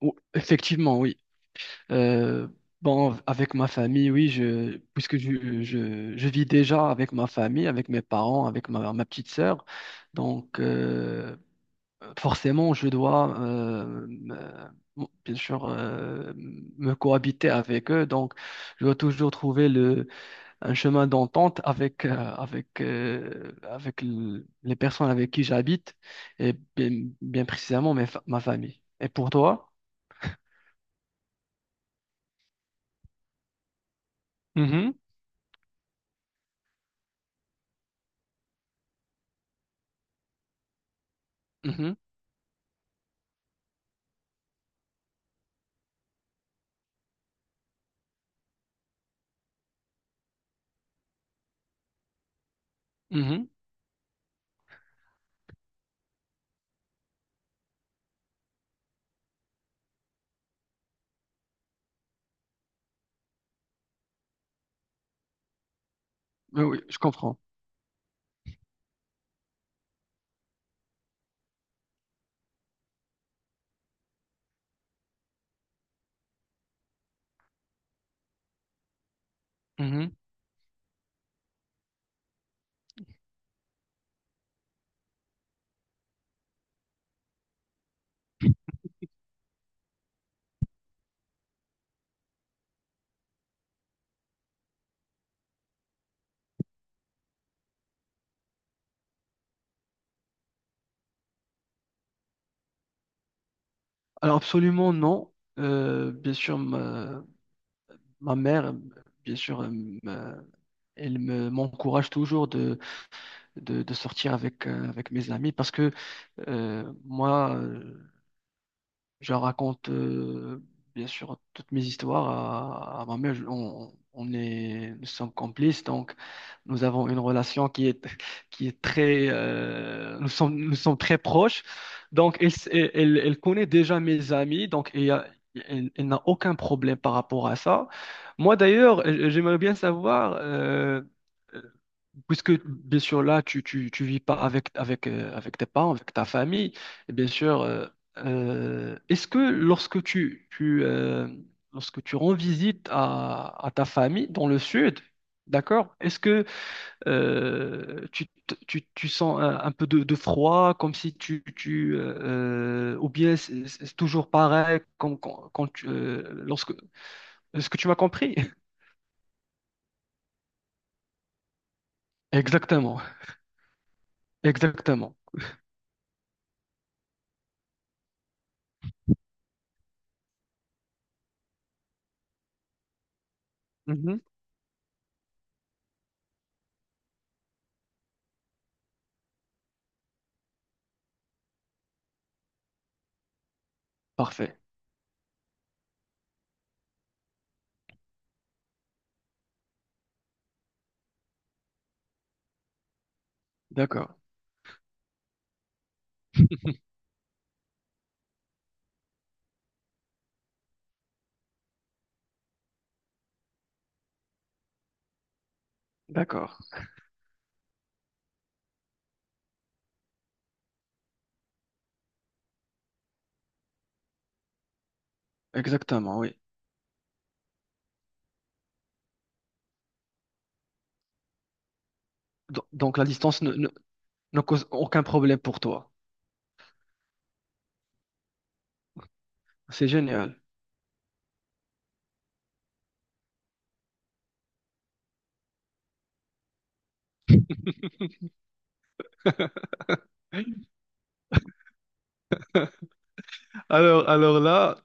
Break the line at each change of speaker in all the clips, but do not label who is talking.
Effectivement, oui. Euh, bon, avec ma famille, oui, puisque je vis déjà avec ma famille, avec mes parents, avec ma petite sœur. Donc, forcément, je dois, bon, bien sûr, me cohabiter avec eux. Donc, je dois toujours trouver un chemin d'entente avec les personnes avec qui j'habite et bien précisément ma famille. Et pour toi? Mhm. Mhm. Oui, oui, je comprends. Mhm. Alors absolument non. Bien sûr, ma mère, bien sûr, me- elle m'encourage toujours de sortir avec, avec mes amis parce que moi, je raconte bien sûr toutes mes histoires à ma mère. Nous sommes complices, donc nous avons une relation qui est très, nous sommes très proches. Donc, elle elle connaît déjà mes amis, elle, elle n'a aucun problème par rapport à ça. Moi, d'ailleurs, j'aimerais bien savoir, euh, puisque bien sûr là, tu vis pas avec tes parents, avec ta famille, et bien sûr, est-ce que lorsque tu rends visite à ta famille dans le sud, d'accord, est-ce que tu, tu sens un peu de froid, comme si tu, tu ou bien c'est toujours pareil lorsque, est-ce que tu m'as compris? Exactement, exactement. Mhm. Parfait. D'accord, d'accord. Exactement, oui. Donc, la distance ne cause aucun problème pour toi. C'est génial. Alors là,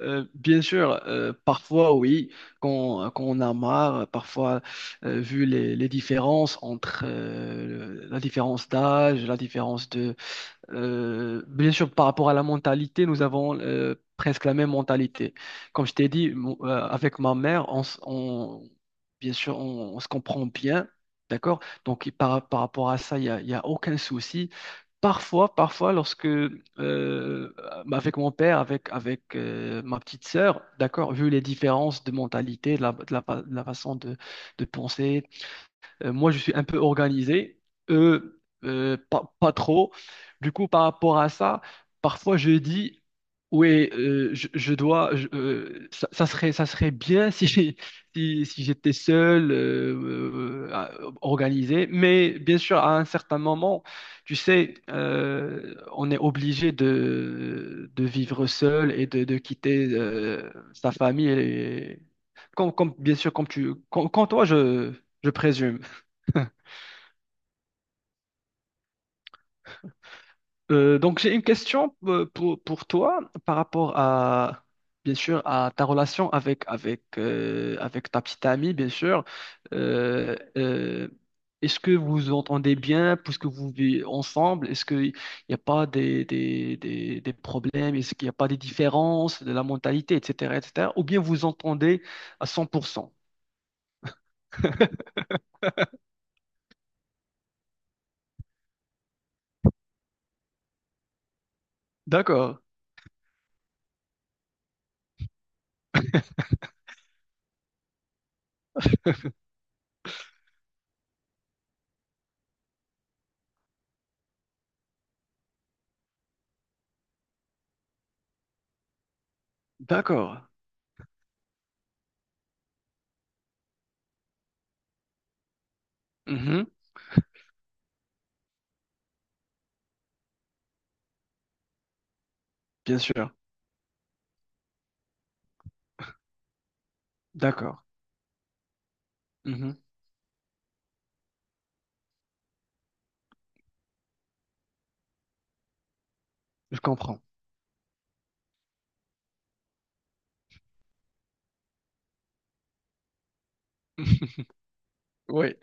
bien sûr, parfois oui, quand, quand on a marre, parfois vu les différences entre la différence d'âge, la différence de, bien sûr, par rapport à la mentalité, nous avons presque la même mentalité. Comme je t'ai dit, avec ma mère, bien sûr, on se comprend bien, d'accord? Donc, par rapport à ça, il y a aucun souci. Parfois, parfois, lorsque, avec mon père, avec, avec ma petite sœur, d'accord, vu les différences de mentalité, de la façon de penser, moi, je suis un peu organisé, eux, pas trop. Du coup, par rapport à ça, parfois je dis, oui, je dois, ça serait bien si, si j'étais seul, euh, à- organisé. Mais bien sûr, à un certain moment, tu sais, on est obligé de vivre seul et de quitter, sa famille. Et, bien sûr, comme toi, je présume. Donc j'ai une question pour toi par rapport à, bien sûr, à ta relation avec ta petite amie, bien sûr. Euh, euh, Est-ce que vous vous entendez bien puisque vous vivez ensemble? Est-ce qu'il n'y a pas des problèmes? Est-ce qu'il n'y a pas des différences de la mentalité, etc., etc. Ou bien vous vous entendez à cent pour cent. D'accord, d'accord. Mhm, bien sûr, d'accord. Mhm, je comprends. Oui.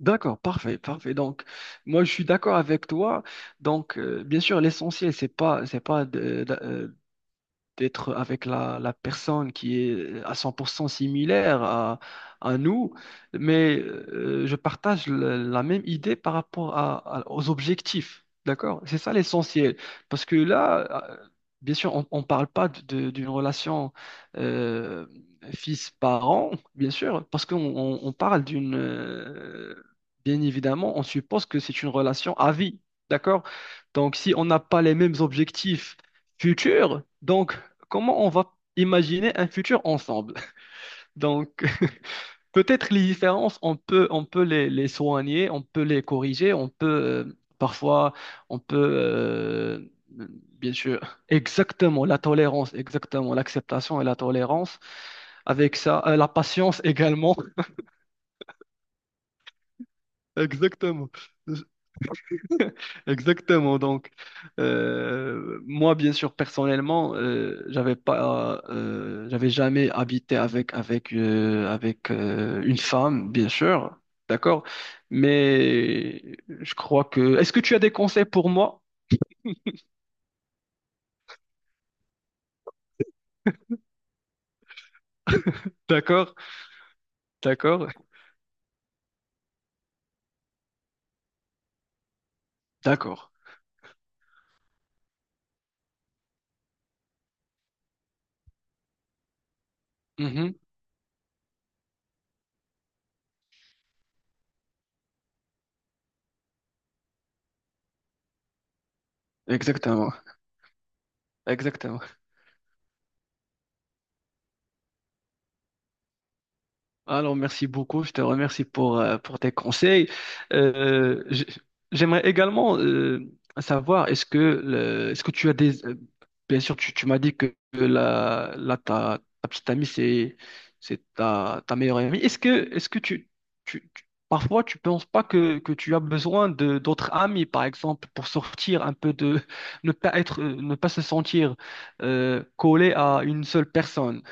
D'accord, parfait, parfait. Donc, moi, je suis d'accord avec toi. Donc, bien sûr, l'essentiel, c'est pas de d'être avec la personne qui est à 100% similaire à nous, mais je partage la même idée par rapport aux objectifs. D'accord? C'est ça l'essentiel. Parce que là, bien sûr, on ne parle pas d'une relation euh, fils-parent, bien sûr, parce on parle d'une bien évidemment, on suppose que c'est une relation à vie. D'accord? Donc, si on n'a pas les mêmes objectifs futurs, donc comment on va imaginer un futur ensemble. Donc, peut-être les différences, on peut, les soigner, on peut les corriger, on peut, parfois, on peut, bien sûr, exactement, la tolérance, exactement, l'acceptation et la tolérance. Avec ça, la patience également. Exactement. Exactement. Donc, moi, bien sûr, personnellement, j'avais jamais habité avec une femme, bien sûr, d'accord. Mais je crois que. Est-ce que tu as des conseils pour moi? D'accord, d'accord, d'accord. Mhm. Exactement, exactement. Alors, merci beaucoup. Je te remercie pour tes conseils. Euh, j- J'aimerais également savoir, est-ce que, est-ce que tu as des bien sûr, tu m'as dit que ta petite amie, c'est ta meilleure amie. Est-ce que tu, tu- parfois, tu penses pas que, que tu as besoin de d'autres amis, par exemple, pour sortir un peu de… Ne pas être, ne pas se sentir collé à une seule personne.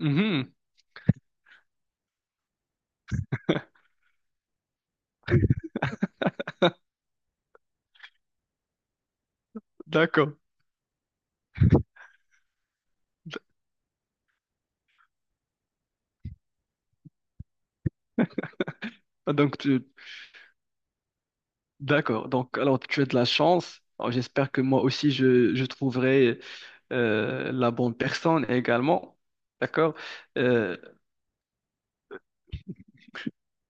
Mhm, d'accord. Donc, tu- D'accord. Donc, alors, tu as de la chance. Alors, j'espère que moi aussi, je trouverai la bonne personne également. D'accord? Euh,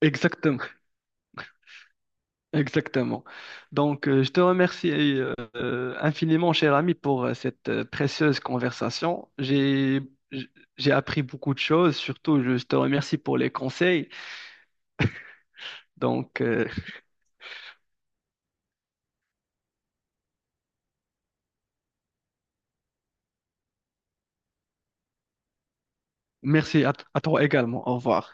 Exactement. Exactement. Donc, je te remercie infiniment, cher ami, pour cette précieuse conversation. J- j'ai appris beaucoup de choses. Surtout, je te remercie pour les conseils. Donc, merci à toi également. Au revoir.